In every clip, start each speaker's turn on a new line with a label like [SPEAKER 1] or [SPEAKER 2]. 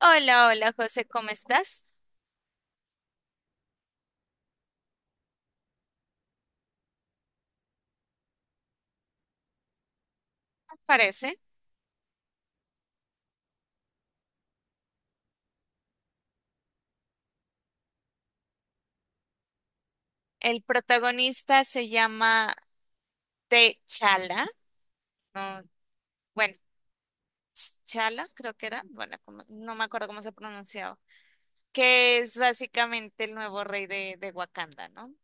[SPEAKER 1] Hola, hola José, ¿cómo estás? Parece. El protagonista se llama T'Challa, no, bueno, Chala creo que era, bueno, no me acuerdo cómo se pronunciaba, que es básicamente el nuevo rey de Wakanda, ¿no?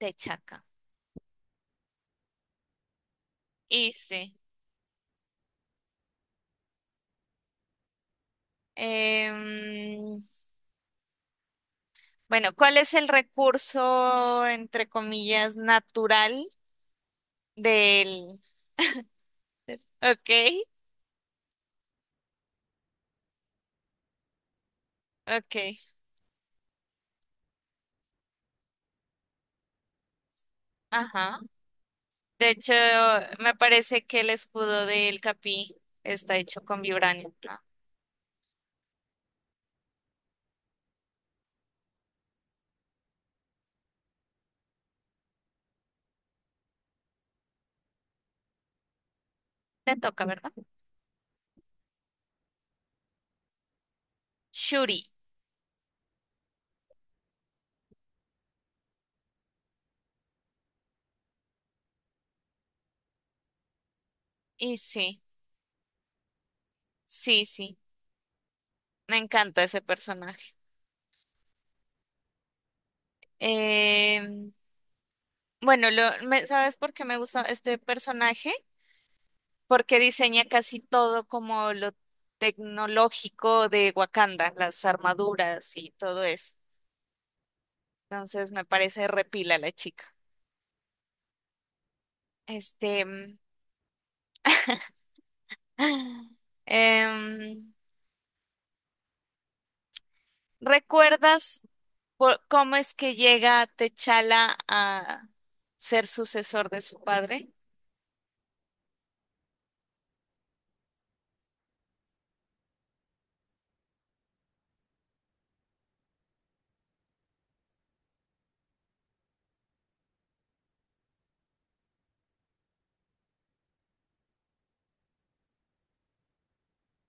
[SPEAKER 1] T'Chaka. Y sí. em, bueno, ¿cuál es el recurso, entre comillas, natural del... Ok, ok, ajá. De hecho, me parece que el escudo del Capi está hecho con vibranio, ¿no? Te toca, ¿verdad? Shuri. Y sí, sí, sí. Me encanta ese personaje. Em, bueno, ¿sabes por qué me gusta este personaje? Porque diseña casi todo como lo tecnológico de Wakanda, las armaduras y todo eso. Entonces me parece repila la chica. Este. Em, ¿Recuerdas cómo es que llega Techala a ser sucesor de su padre?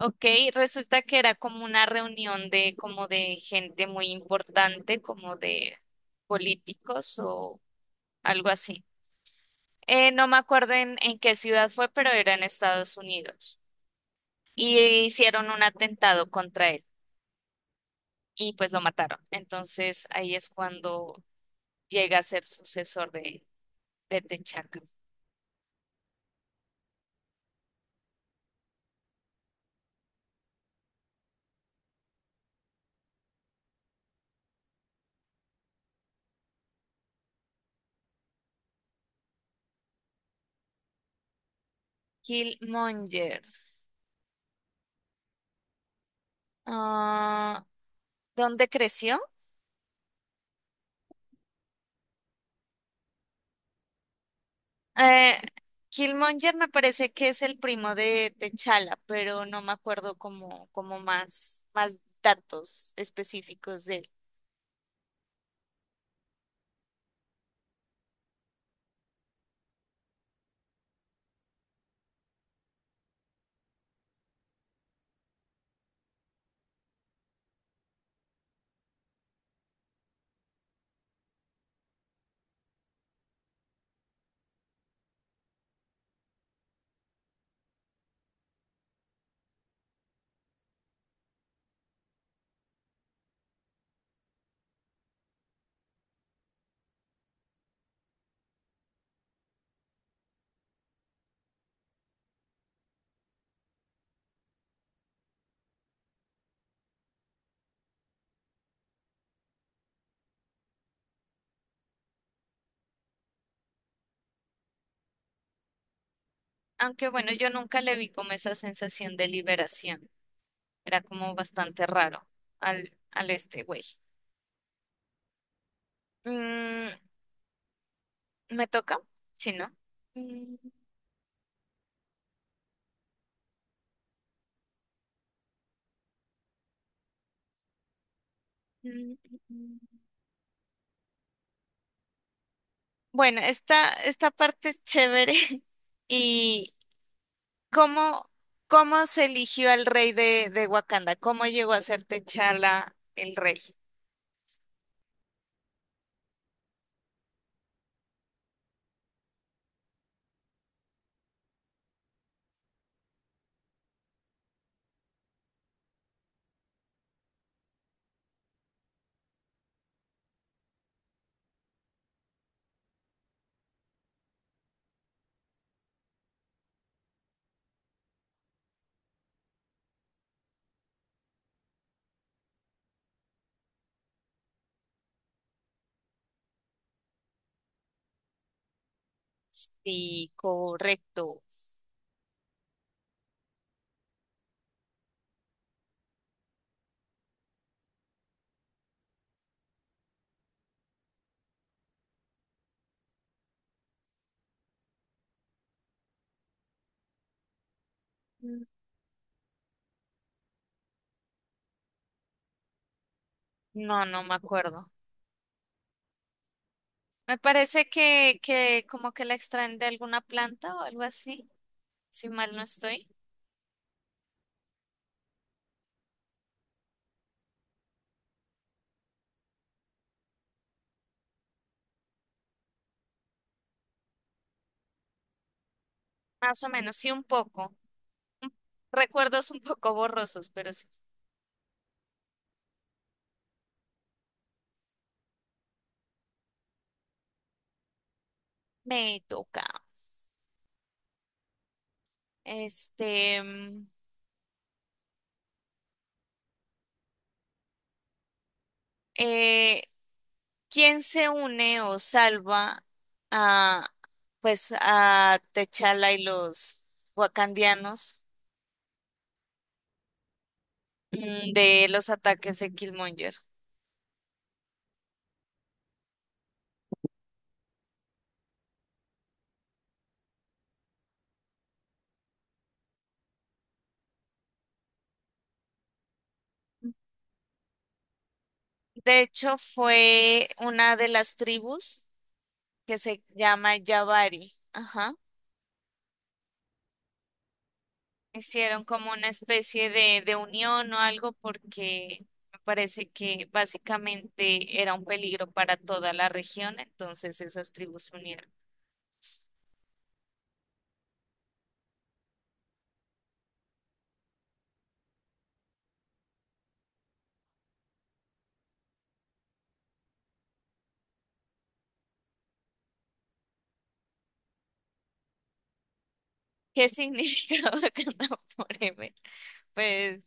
[SPEAKER 1] Ok, resulta que era como una reunión de como de gente muy importante, como de políticos o algo así. No me acuerdo en qué ciudad fue, pero era en Estados Unidos. Y hicieron un atentado contra él y pues lo mataron. Entonces ahí es cuando llega a ser sucesor de T'Challa. Killmonger. Ah, ¿dónde creció? Eh, Killmonger me parece que es el primo de T'Challa, pero no me acuerdo como más, más datos específicos de él. Aunque bueno, yo nunca le vi como esa sensación de liberación. Era como bastante raro al este güey. Mm, ¿me toca? Sí, ¿no? Mm, mm, mm, mm. Bueno, esta parte es chévere y, ¿Cómo, cómo se eligió al rey de Wakanda? ¿Cómo llegó a ser T'Challa el rey? Sí, correcto. Mm. No, no me acuerdo. Me parece que como que la extraen de alguna planta o algo así, si mal no estoy. Más o menos, sí, un poco. Un- Recuerdos un poco borrosos, pero sí. Me toca. Este, eh, ¿quién se une o salva a, pues, a T'Challa y los wakandianos de los ataques de Killmonger? De hecho, fue una de las tribus que se llama Yavari. Ajá. Hicieron como una especie de unión o algo porque me parece que básicamente era un peligro para toda la región, entonces esas tribus se unieron. ¿Qué significa Wakanda Forever? Pues,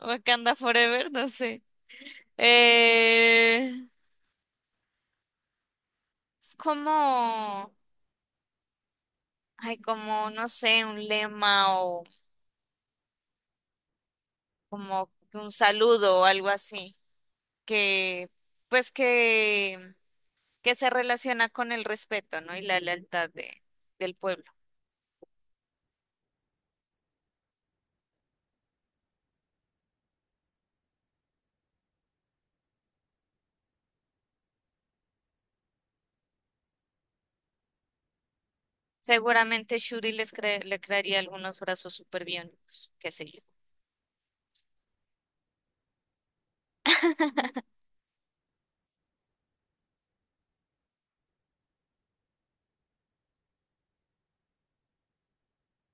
[SPEAKER 1] Wakanda Forever, no sé. Eh, es como, ay, como, no sé, un lema o como un saludo o algo así, que, pues que se relaciona con el respeto, ¿no? Y la lealtad del pueblo. Seguramente Shuri les le crearía algunos brazos superbiónicos, qué sé yo.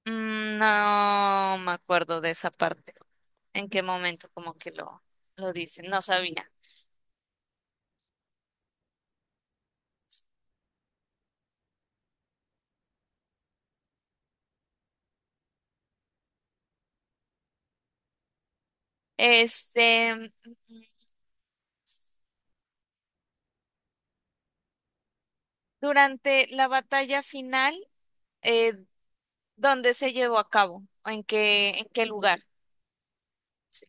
[SPEAKER 1] Mm, no me acuerdo de esa parte, en qué momento como que lo dicen, no sabía. Este, durante la batalla final, eh, ¿dónde se llevó a cabo? ¿O ¿en qué, en qué lugar? Sí.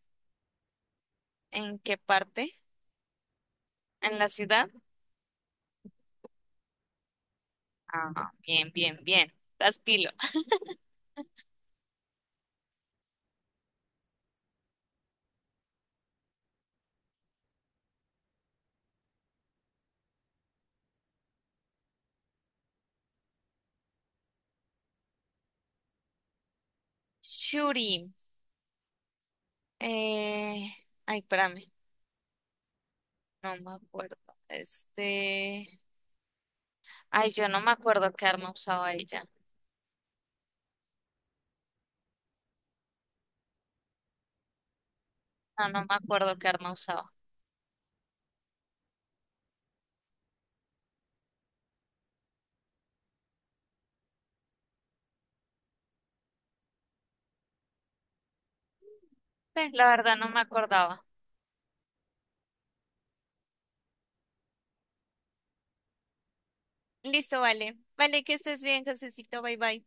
[SPEAKER 1] ¿En qué parte? ¿En la ciudad? Ah, bien, bien, bien. Estás pilo. Shuri. eh, Ay, espérame. No me acuerdo. Este. Ay, yo no me acuerdo qué arma usaba ella. No, no me acuerdo qué arma usaba. La verdad, no me acordaba. Listo, vale. Vale, que estés bien, Josecito. Bye, bye.